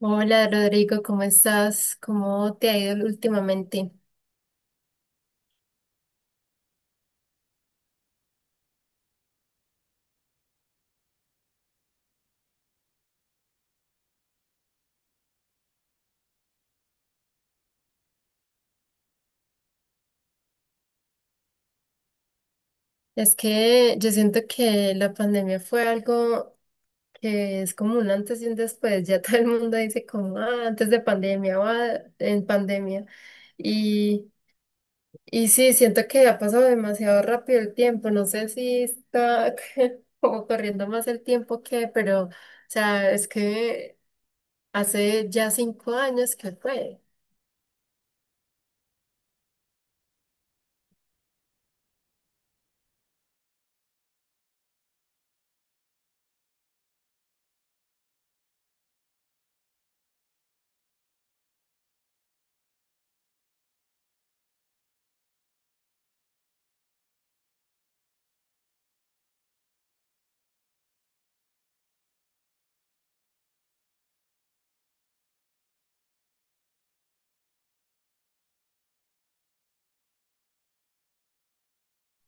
Hola Rodrigo, ¿cómo estás? ¿Cómo te ha ido últimamente? Es que yo siento que la pandemia fue algo que es como un antes y un después. Ya todo el mundo dice como "Ah, antes de pandemia" o "Ah, en pandemia". Y, y sí, siento que ha pasado demasiado rápido el tiempo. No sé si está como corriendo más el tiempo que, pero, o sea, es que hace ya cinco años que fue.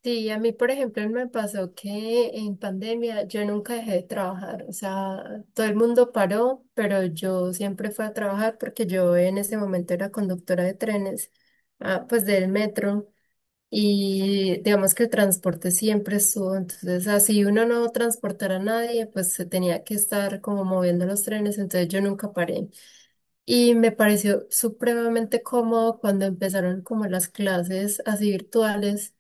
Sí, a mí, por ejemplo, me pasó que en pandemia yo nunca dejé de trabajar, o sea, todo el mundo paró, pero yo siempre fui a trabajar porque yo en ese momento era conductora de trenes, ah, pues del metro, y digamos que el transporte siempre estuvo, entonces así uno no transportara a nadie, pues se tenía que estar como moviendo los trenes, entonces yo nunca paré. Y me pareció supremamente cómodo cuando empezaron como las clases así virtuales.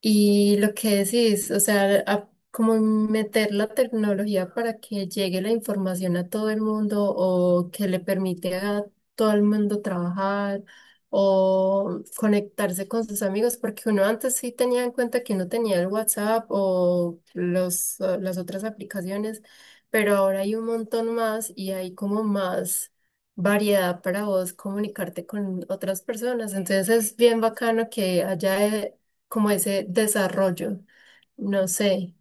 Y lo que decís, o sea, como meter la tecnología para que llegue la información a todo el mundo o que le permite a todo el mundo trabajar o conectarse con sus amigos, porque uno antes sí tenía en cuenta que no tenía el WhatsApp o las otras aplicaciones, pero ahora hay un montón más y hay como más variedad para vos comunicarte con otras personas. Entonces es bien bacano que haya como ese desarrollo. No sé.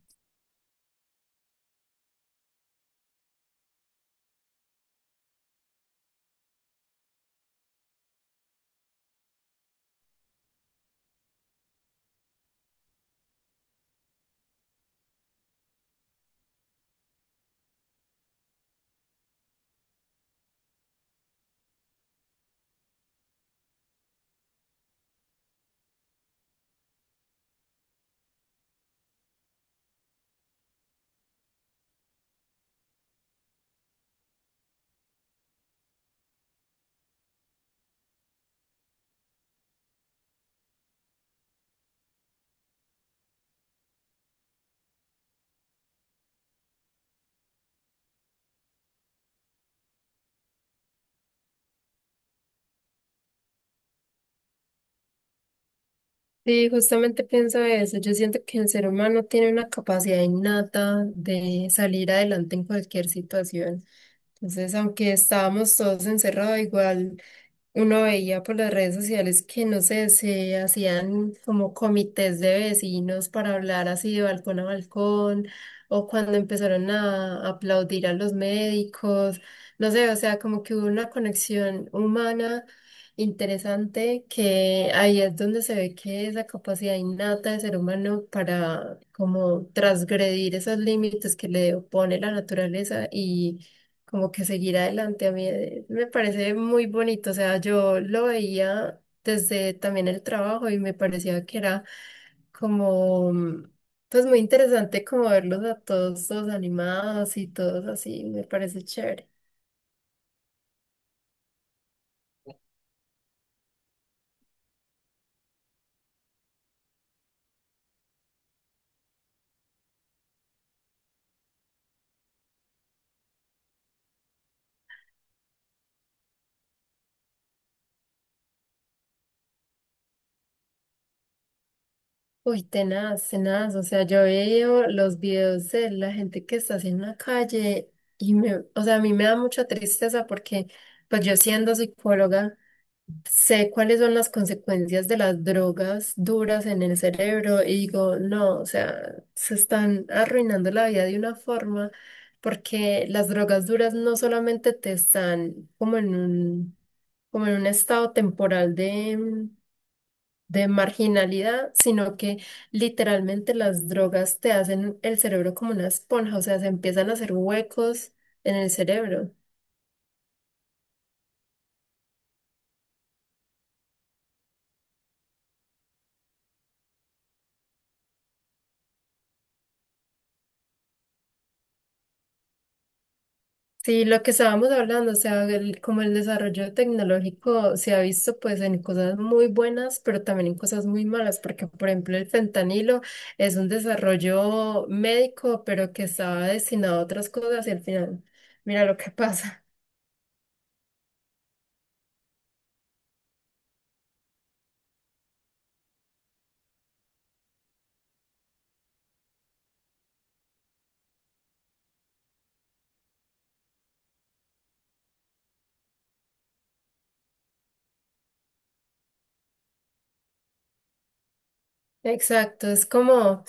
Sí, justamente pienso eso. Yo siento que el ser humano tiene una capacidad innata de salir adelante en cualquier situación. Entonces, aunque estábamos todos encerrados, igual uno veía por las redes sociales que, no sé, se hacían como comités de vecinos para hablar así de balcón a balcón, o cuando empezaron a aplaudir a los médicos, no sé, o sea, como que hubo una conexión humana interesante que ahí es donde se ve que esa capacidad innata del ser humano para como transgredir esos límites que le opone la naturaleza como que seguir adelante. A mí me parece muy bonito, o sea, yo lo veía desde también el trabajo y me parecía que era como, pues muy interesante como verlos a todos, todos animados y todos así, me parece chévere. Uy, tenaz, tenaz, o sea, yo veo los videos de la gente que está así en la calle y me, o sea, a mí me da mucha tristeza porque, pues yo siendo psicóloga, sé cuáles son las consecuencias de las drogas duras en el cerebro y digo, no, o sea, se están arruinando la vida de una forma porque las drogas duras no solamente te están como en un estado temporal de marginalidad, sino que literalmente las drogas te hacen el cerebro como una esponja, o sea, se empiezan a hacer huecos en el cerebro. Sí, lo que estábamos hablando, o sea, como el desarrollo tecnológico se ha visto pues en cosas muy buenas, pero también en cosas muy malas, porque por ejemplo el fentanilo es un desarrollo médico, pero que estaba destinado a otras cosas y al final, mira lo que pasa. Exacto, es como,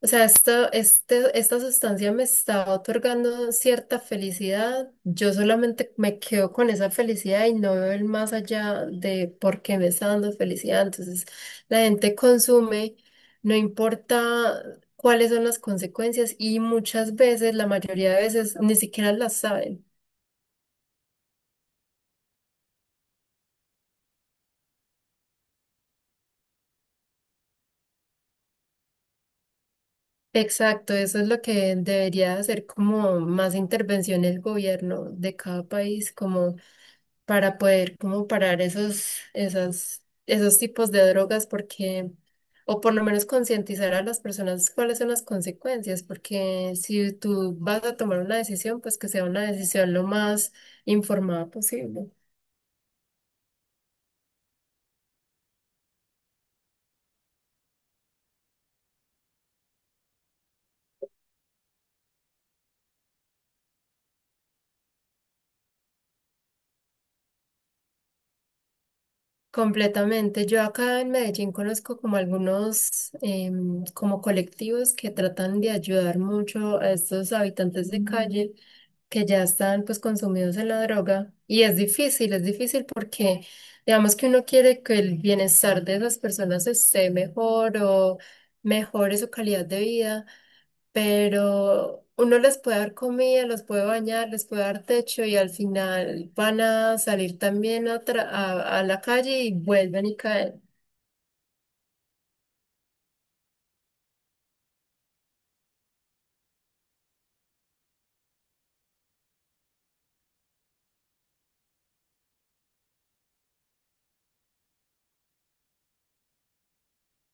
o sea, esto, este, esta sustancia me está otorgando cierta felicidad. Yo solamente me quedo con esa felicidad y no veo el más allá de por qué me está dando felicidad. Entonces, la gente consume, no importa cuáles son las consecuencias y muchas veces, la mayoría de veces, ni siquiera las saben. Exacto, eso es lo que debería hacer como más intervención el gobierno de cada país, como para poder como parar esos, esas, esos tipos de drogas porque, o por lo menos concientizar a las personas cuáles son las consecuencias, porque si tú vas a tomar una decisión, pues que sea una decisión lo más informada posible. Completamente. Yo acá en Medellín conozco como algunos como colectivos que tratan de ayudar mucho a estos habitantes de calle que ya están pues consumidos en la droga y es difícil porque digamos que uno quiere que el bienestar de esas personas esté mejor o mejore su calidad de vida, pero uno les puede dar comida, los puede bañar, les puede dar techo y al final van a salir también a la calle y vuelven y caen.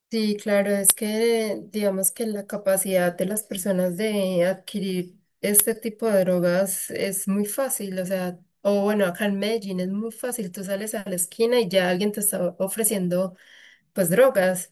Sí, claro, es que digamos que la capacidad de las personas de adquirir este tipo de drogas es muy fácil, o sea, o bueno, acá en Medellín es muy fácil, tú sales a la esquina y ya alguien te está ofreciendo pues drogas.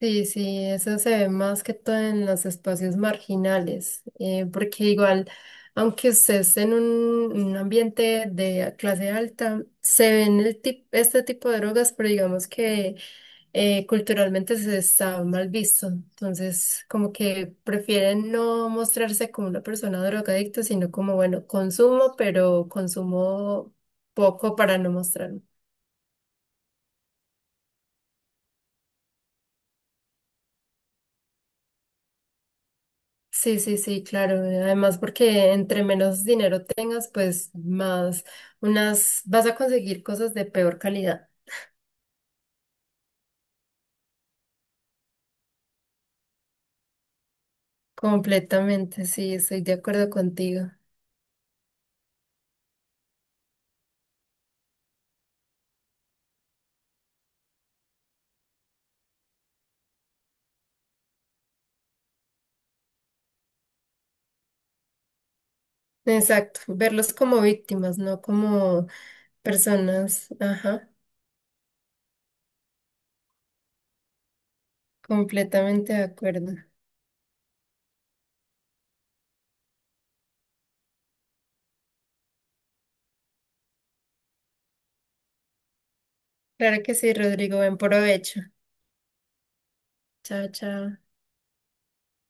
Sí, sí, eso se ve más que todo en los espacios marginales, porque igual, aunque usted esté en un ambiente de clase alta, se ven este tipo de drogas, pero digamos que culturalmente se está mal visto. Entonces, como que prefieren no mostrarse como una persona drogadicta, sino como, bueno, consumo, pero consumo poco para no mostrar. Sí, sí, sí, claro. Además, porque entre menos dinero tengas, pues más unas vas a conseguir cosas de peor calidad. Completamente, sí, estoy de acuerdo contigo. Exacto, verlos como víctimas, no como personas. Ajá, completamente de acuerdo. Claro que sí, Rodrigo, buen provecho. Chao, chao.